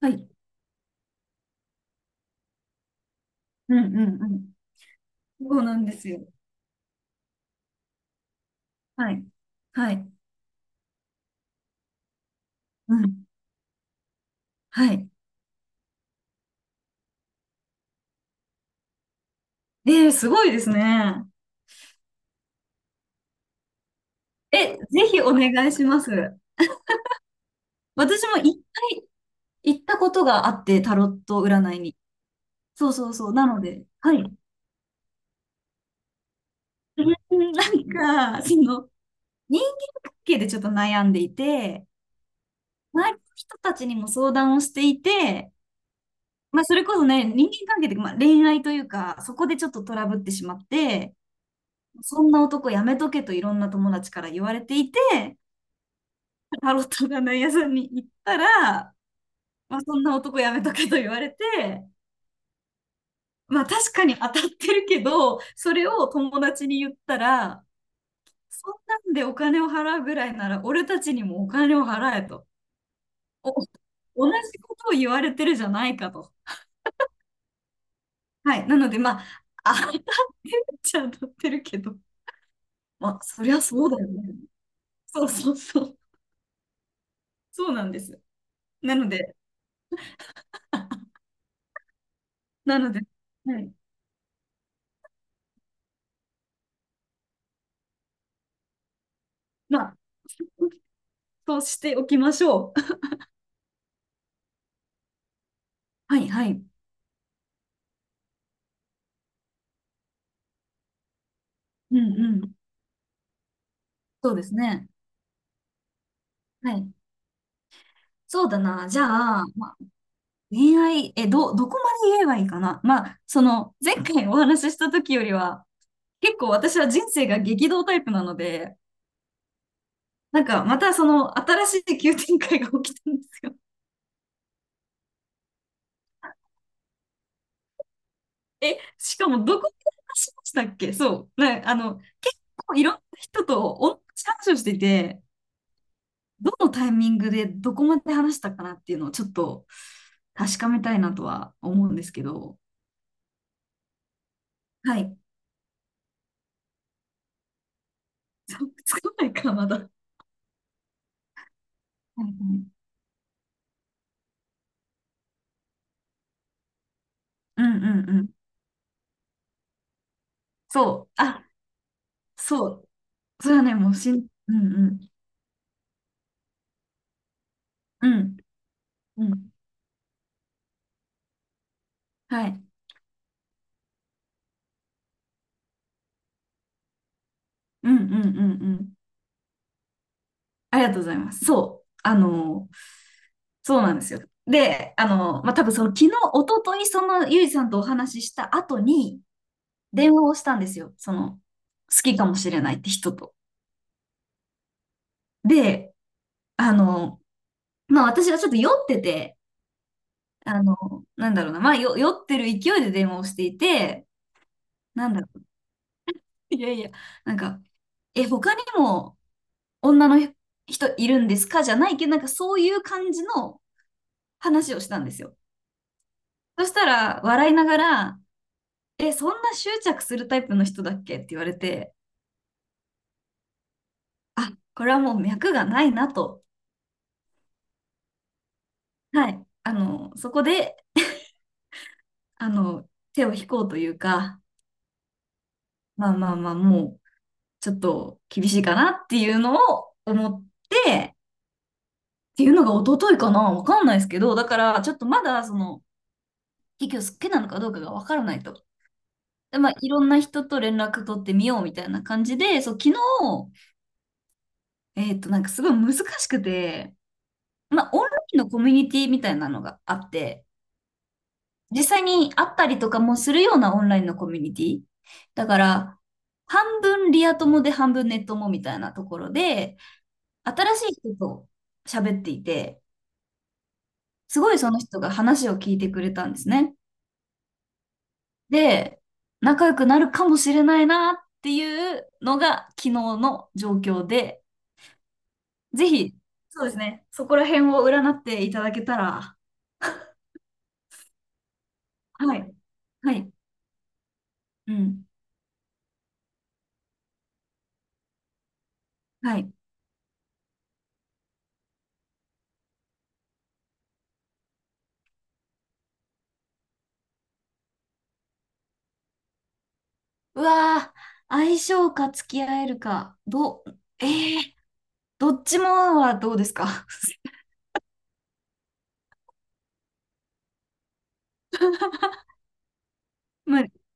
はい。うんうんうん。そうなんですよ。はい。はい。うん。はい。ええ、すごいですね。え、ぜひお願いします。私も行ったことがあって、タロット占いに。そうそうそう。なので、はい。うん、なんか、その、人間関係でちょっと悩んでいて、周りの人たちにも相談をしていて、まあ、それこそね、人間関係で、まあ、恋愛というか、そこでちょっとトラブってしまって、そんな男やめとけといろんな友達から言われていて、タロット占い屋さんに行ったら、まあ、そんな男やめとけと言われて、まあ確かに当たってるけど、それを友達に言ったら、そんなんでお金を払うぐらいなら俺たちにもお金を払えと。お、同じことを言われてるじゃないかと。はい。なのでまあ、当たってるっちゃ当たってるけど、まあそりゃそうだよね。そうそうそう。そうなんです。なので、なので、はい、まあ、としておきましょう。はいはい。うんうん。そうですね。はい。そうだな。じゃあ、まあ、恋愛、どこまで言えばいいかな。まあ、その、前回お話しした時よりは、結構私は人生が激動タイプなので、なんかまたその新しい急展開が起きたんですよ。え、しかもどこで話しましたっけ。そう、ね、あの、結構いろんな人と同じ話をしていて、どのタイミングでどこまで話したかなっていうのをちょっと確かめたいなとは思うんですけど、はい。つつかないか、まだ。はいはい、うんうんうん。そう。あ、そう。それはね、もうしん、うんうん。うん、うん。はい。うんうんうんうん。ありがとうございます。そう。あの、そうなんですよ。で、あの、まあ、多分その昨日、一昨日そのゆいさんとお話しした後に電話をしたんですよ。その、好きかもしれないって人と。で、あの、まあ私はちょっと酔ってて、あの、なんだろうな、まあ酔ってる勢いで電話をしていて、なんだろう、いやいや、なんか、え、他にも女の人いるんですかじゃないけど、なんかそういう感じの話をしたんですよ。そしたら、笑いながら、え、そんな執着するタイプの人だっけって言われて、あ、これはもう脈がないなと。はい。あの、そこで、あの、手を引こうというか、まあまあまあ、もう、ちょっと厳しいかなっていうのを思って、っていうのが一昨日かな、わかんないですけど、だからちょっとまだその、結局好きなのかどうかがわからないと。で、まあ、いろんな人と連絡取ってみようみたいな感じで、そう、昨日、えっと、なんかすごい難しくて、まあ、オンラインのコミュニティみたいなのがあって、実際に会ったりとかもするようなオンラインのコミュニティ。だから、半分リア友で半分ネッ友みたいなところで、新しい人と喋っていて、すごいその人が話を聞いてくれたんですね。で、仲良くなるかもしれないなっていうのが昨日の状況で、ぜひ、そうですね、そこら辺を占っていただけたら、はい、はい、うん、はい。うわー、相性か付き合えるか、どう、えー、どっちもはどうですか？ まあ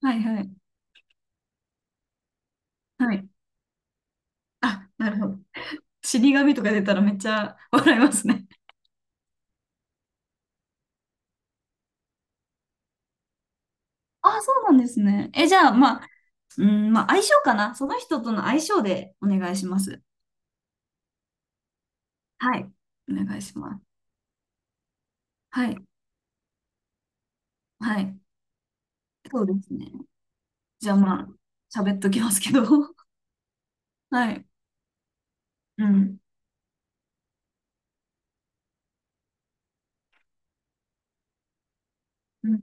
はい、はい、はい。あ、なるほど。死神とか出たらめっちゃ笑いますね。あ、そうなんですね。え、じゃあ、まあ、うん、まあ、相性かな。その人との相性でお願いします。はい。お願いします。はい。はい。そうですね。じゃあ、まあ、喋っときますけど。はい。うん。うん。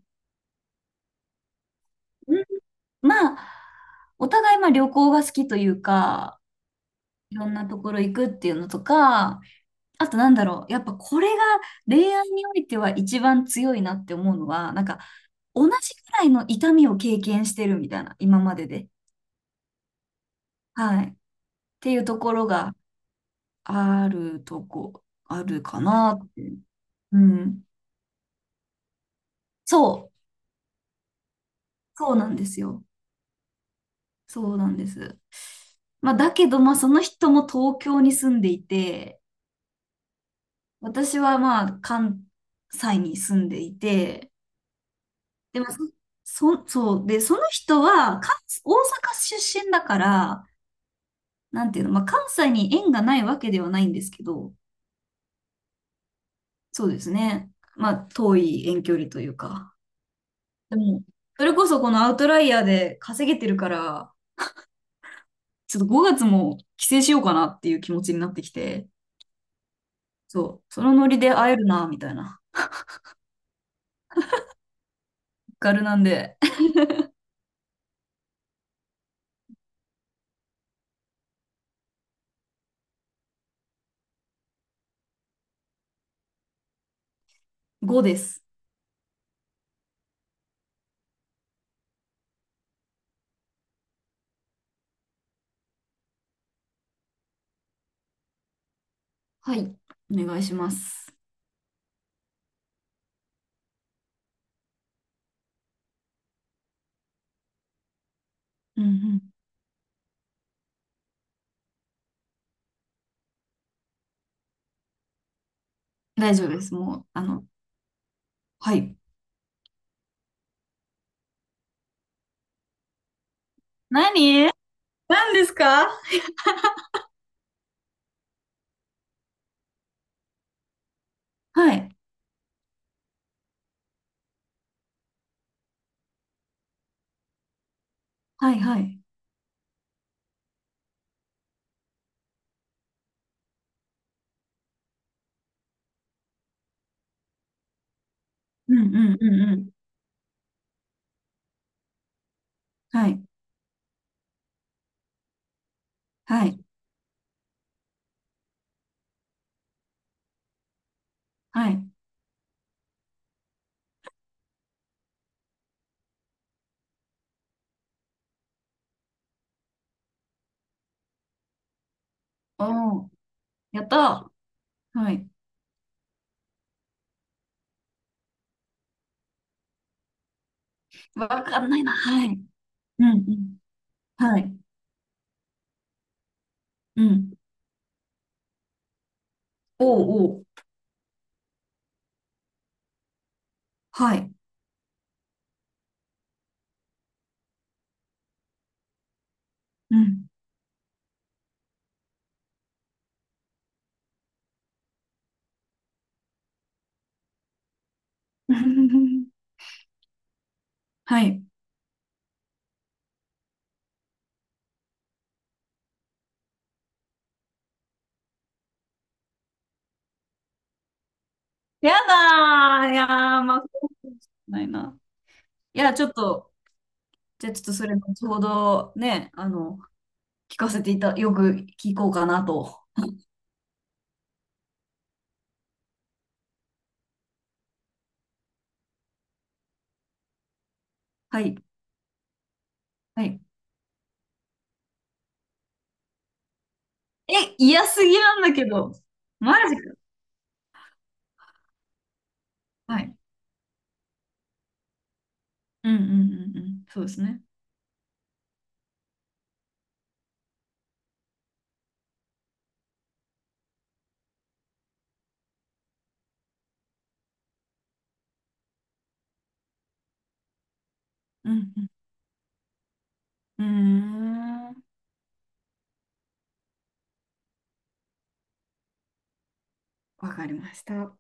うん、まあ、お互い、まあ、旅行が好きというか、いろんなところ行くっていうのとか、あと、なんだろう。やっぱ、これが恋愛においては一番強いなって思うのは、なんか、同じくらいの痛みを経験してるみたいな、今までで。はい。ていうところがあるとこ、あるかなって。うん。そう、そうなんですよ。そうなんです。まあ、だけど、まあ、その人も東京に住んでいて、私はまあ、関西に住んでいて、でも、まあそう、で、その人は大阪出身だから、なんていうの、まあ、関西に縁がないわけではないんですけど、そうですね。まあ、遠い遠距離というか。でも、それこそこのアウトライヤーで稼げてるから、ちょっと5月も帰省しようかなっていう気持ちになってきて、そう、そのノリで会えるな、みたいな。ガルなんで、5です。はい、お願いします。うんうん。大丈夫です。もう、あの、はい。何何ですか？はい、はい、はい。うんうんうんうん。はい、はい、はい。おー、やったー。はい。わかんないな。はい。うんうん。はい。うん。おうおう。はい。うん。はい。やだー。いやー、まあ、ないな。いや、ちょっと、じゃあちょっとそれ後ほどね、あの、聞かせていた、よく聞こうかなと。はい。はい。え、嫌すぎなんだけど。マジか。はい。うんうんうんうん。そうですね。うんうん。うーん。わかりました。